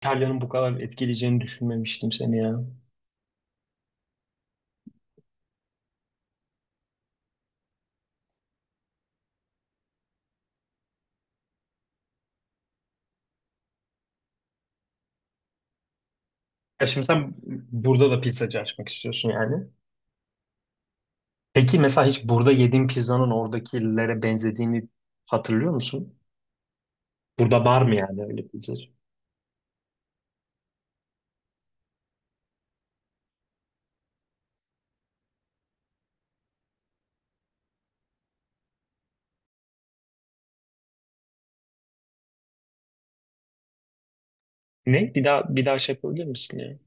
İtalya'nın bu kadar etkileyeceğini düşünmemiştim seni ya. Ya şimdi sen burada da pizzacı açmak istiyorsun yani. Peki mesela hiç burada yediğin pizzanın oradakilere benzediğini hatırlıyor musun? Burada var mı yani öyle pizzacı? Ne? Bir daha bir daha şey yapabilir misin ya?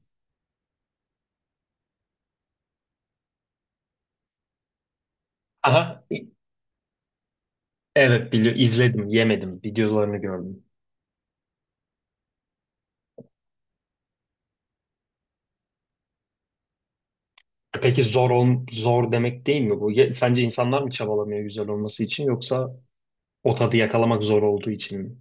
Aha. Evet, biliyorum. İzledim, yemedim. Videolarını gördüm. E peki, zor zor demek değil mi bu? Sence insanlar mı çabalamıyor güzel olması için, yoksa o tadı yakalamak zor olduğu için mi?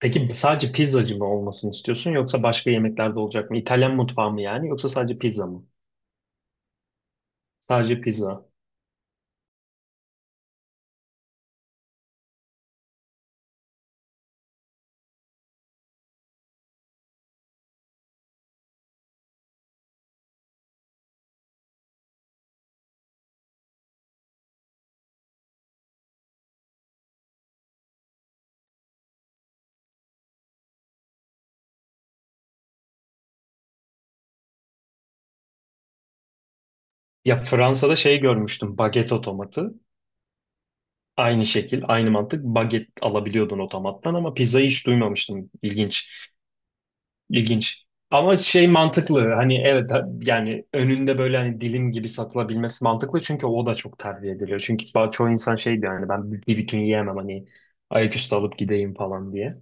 Peki sadece pizzacı mı olmasını istiyorsun, yoksa başka yemekler de olacak mı? İtalyan mutfağı mı yani, yoksa sadece pizza mı? Sadece pizza. Ya Fransa'da şey görmüştüm, baget otomatı. Aynı şekil, aynı mantık, baget alabiliyordun otomattan, ama pizzayı hiç duymamıştım. İlginç, ilginç. Ama şey, mantıklı hani, evet, yani önünde böyle hani dilim gibi satılabilmesi mantıklı, çünkü o da çok tercih ediliyor. Çünkü çoğu insan şey diyor hani, ben bir bütün yiyemem hani, ayaküstü alıp gideyim falan diye.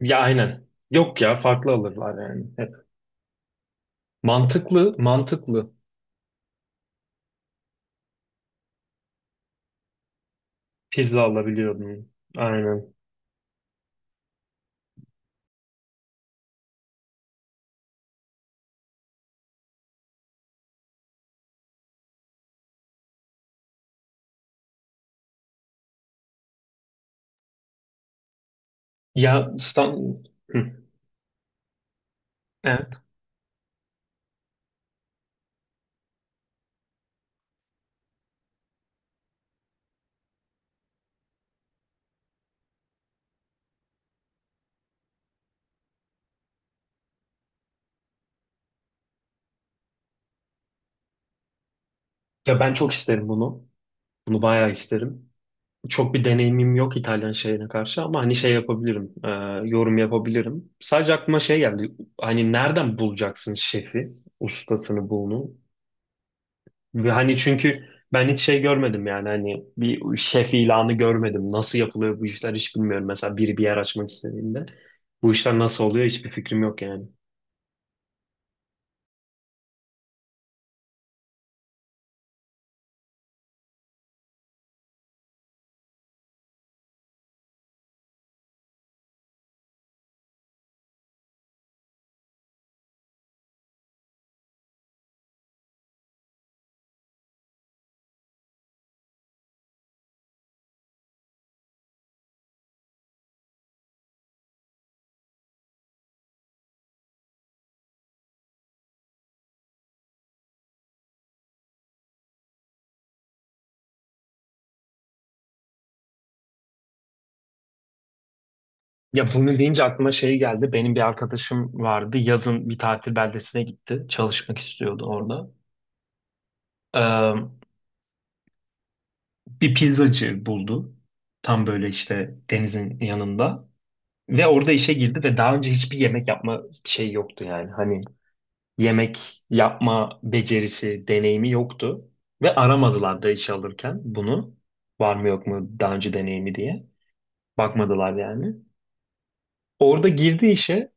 Ya aynen. Yok ya, farklı alırlar yani, hep. Mantıklı, mantıklı. Pizza alabiliyordum. Aynen. Ya, İstanbul. Evet. Ya ben çok isterim bunu. Bunu bayağı isterim. Çok bir deneyimim yok İtalyan şeyine karşı, ama hani şey yapabilirim, yorum yapabilirim. Sadece aklıma şey geldi. Hani nereden bulacaksın şefi, ustasını, bunu? Hani çünkü ben hiç şey görmedim yani, hani bir şef ilanı görmedim. Nasıl yapılıyor bu işler hiç bilmiyorum. Mesela biri bir yer açmak istediğinde bu işler nasıl oluyor hiçbir fikrim yok yani. Ya bunu deyince aklıma şey geldi. Benim bir arkadaşım vardı. Yazın bir tatil beldesine gitti. Çalışmak istiyordu orada. Ee, bir pizzacı buldu. Tam böyle işte denizin yanında. Ve orada işe girdi ve daha önce hiçbir yemek yapma şey yoktu yani. Hani yemek yapma becerisi, deneyimi yoktu. Ve aramadılar da iş alırken bunu. Var mı yok mu daha önce deneyimi diye. Bakmadılar yani. Orada girdi işe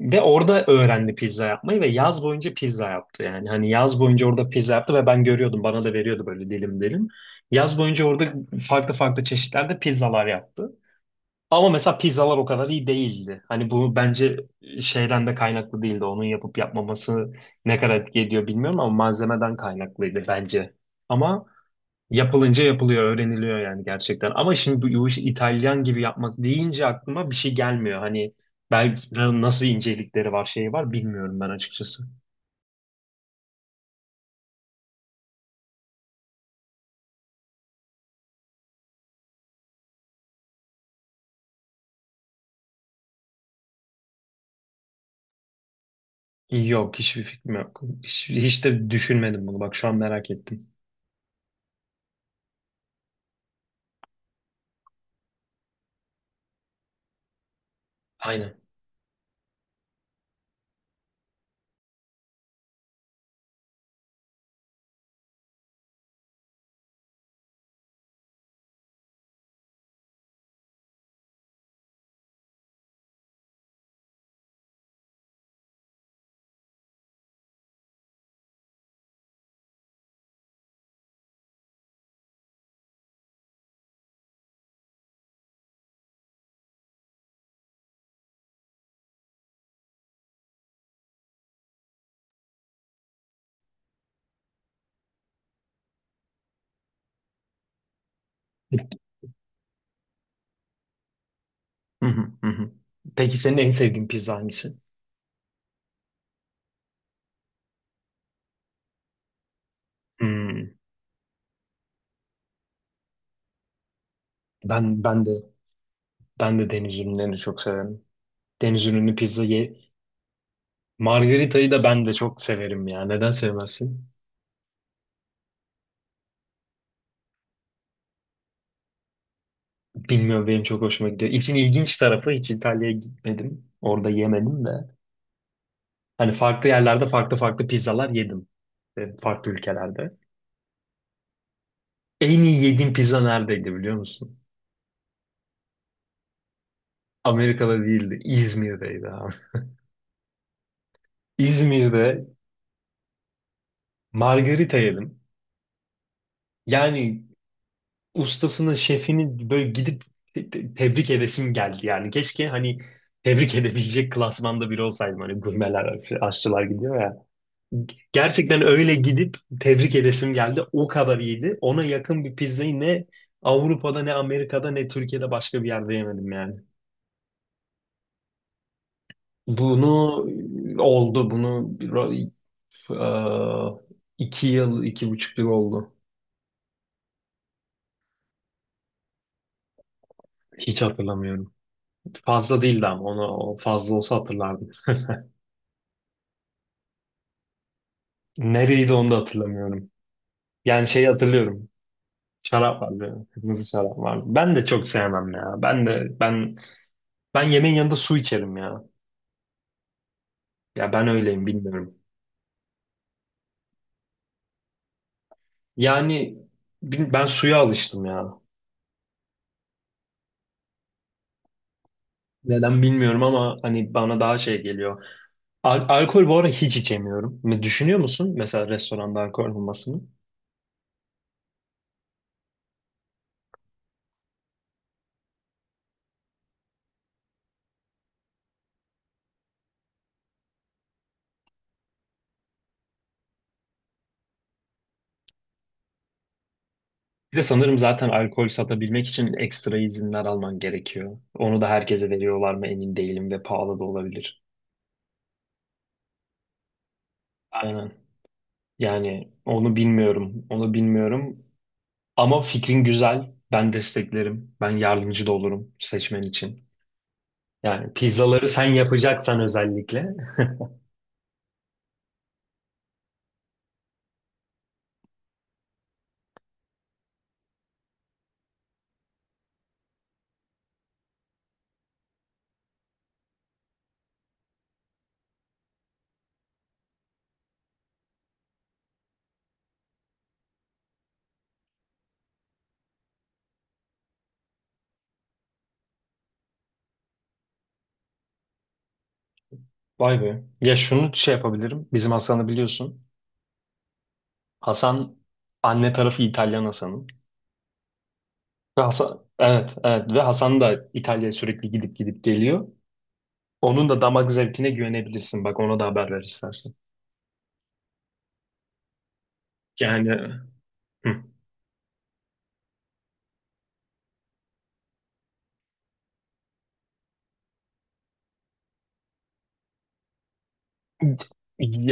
ve orada öğrendi pizza yapmayı ve yaz boyunca pizza yaptı yani. Hani yaz boyunca orada pizza yaptı ve ben görüyordum. Bana da veriyordu böyle dilim dilim. Yaz boyunca orada farklı farklı çeşitlerde pizzalar yaptı. Ama mesela pizzalar o kadar iyi değildi. Hani bu bence şeyden de kaynaklı değildi. Onun yapıp yapmaması ne kadar etki ediyor bilmiyorum, ama malzemeden kaynaklıydı bence. Ama yapılınca yapılıyor, öğreniliyor yani, gerçekten. Ama şimdi bu işi İtalyan gibi yapmak deyince aklıma bir şey gelmiyor. Hani belki nasıl incelikleri var, şeyi var bilmiyorum ben, açıkçası. Yok, hiçbir fikrim yok. Hiç, hiç de düşünmedim bunu. Bak, şu an merak ettim. Aynen. Hı hı, hı hı. Peki senin en sevdiğin pizza hangisi? Hmm. Ben de ben de deniz ürünlerini çok severim. Deniz ürünü pizza ye. Margarita'yı da ben de çok severim ya. Neden sevmezsin? Bilmiyorum, benim çok hoşuma gidiyor. İçin ilginç tarafı, hiç İtalya'ya gitmedim. Orada yemedim de. Hani farklı yerlerde farklı farklı pizzalar yedim. E, farklı ülkelerde. En iyi yediğim pizza neredeydi biliyor musun? Amerika'da değildi. İzmir'deydi abi. İzmir'de margarita yedim. Yani ustasını, şefini böyle gidip tebrik edesim geldi. Yani keşke hani tebrik edebilecek klasmanda biri olsaydım. Hani gurmeler, aşçılar gidiyor ya. Gerçekten öyle gidip tebrik edesim geldi. O kadar iyiydi. Ona yakın bir pizzayı ne Avrupa'da, ne Amerika'da, ne Türkiye'de başka bir yerde yemedim yani. Bunu oldu. Bunu eee, 2 yıl, 2,5 yıl oldu. Hiç hatırlamıyorum. Fazla değildi, ama onu, o fazla olsa hatırlardım. Nereydi onu da hatırlamıyorum. Yani şeyi hatırlıyorum. Şarap vardı. Kırmızı şarap vardı. Ben de çok sevmem ya. Ben de ben yemeğin yanında su içerim ya. Ya ben öyleyim bilmiyorum. Yani ben suya alıştım ya. Neden bilmiyorum ama hani bana daha şey geliyor. Alkol bu ara hiç içemiyorum. Ne düşünüyor musun mesela, restoranda alkol olmasını? Bir de sanırım zaten alkol satabilmek için ekstra izinler alman gerekiyor. Onu da herkese veriyorlar mı emin değilim ve pahalı da olabilir. Aynen. Yani onu bilmiyorum. Onu bilmiyorum. Ama fikrin güzel. Ben desteklerim. Ben yardımcı da olurum seçmen için. Yani pizzaları sen yapacaksan, özellikle. Vay be. Ya şunu şey yapabilirim. Bizim Hasan'ı biliyorsun. Hasan, anne tarafı İtalyan Hasan'ın. Ve Hasan, evet evet, ve Hasan da İtalya'ya sürekli gidip gidip geliyor. Onun da damak zevkine güvenebilirsin. Bak, ona da haber ver istersen. Yani, hı.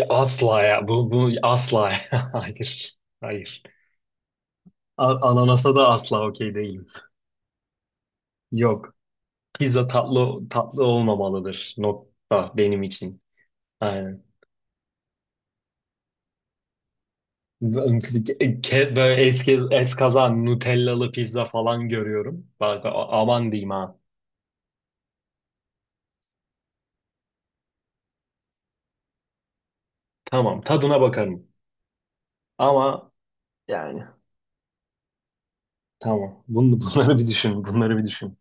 Asla ya. Bu asla. Hayır. Hayır. Ananasa da asla okey değilim. Yok. Pizza tatlı tatlı olmamalıdır. Nokta, benim için. Aynen. Böyle eski eskaza Nutellalı pizza falan görüyorum. Bak, aman diyeyim ha. Tamam, tadına bakarım. Ama yani tamam. Bunu, bunları bir düşün. Bunları bir düşün.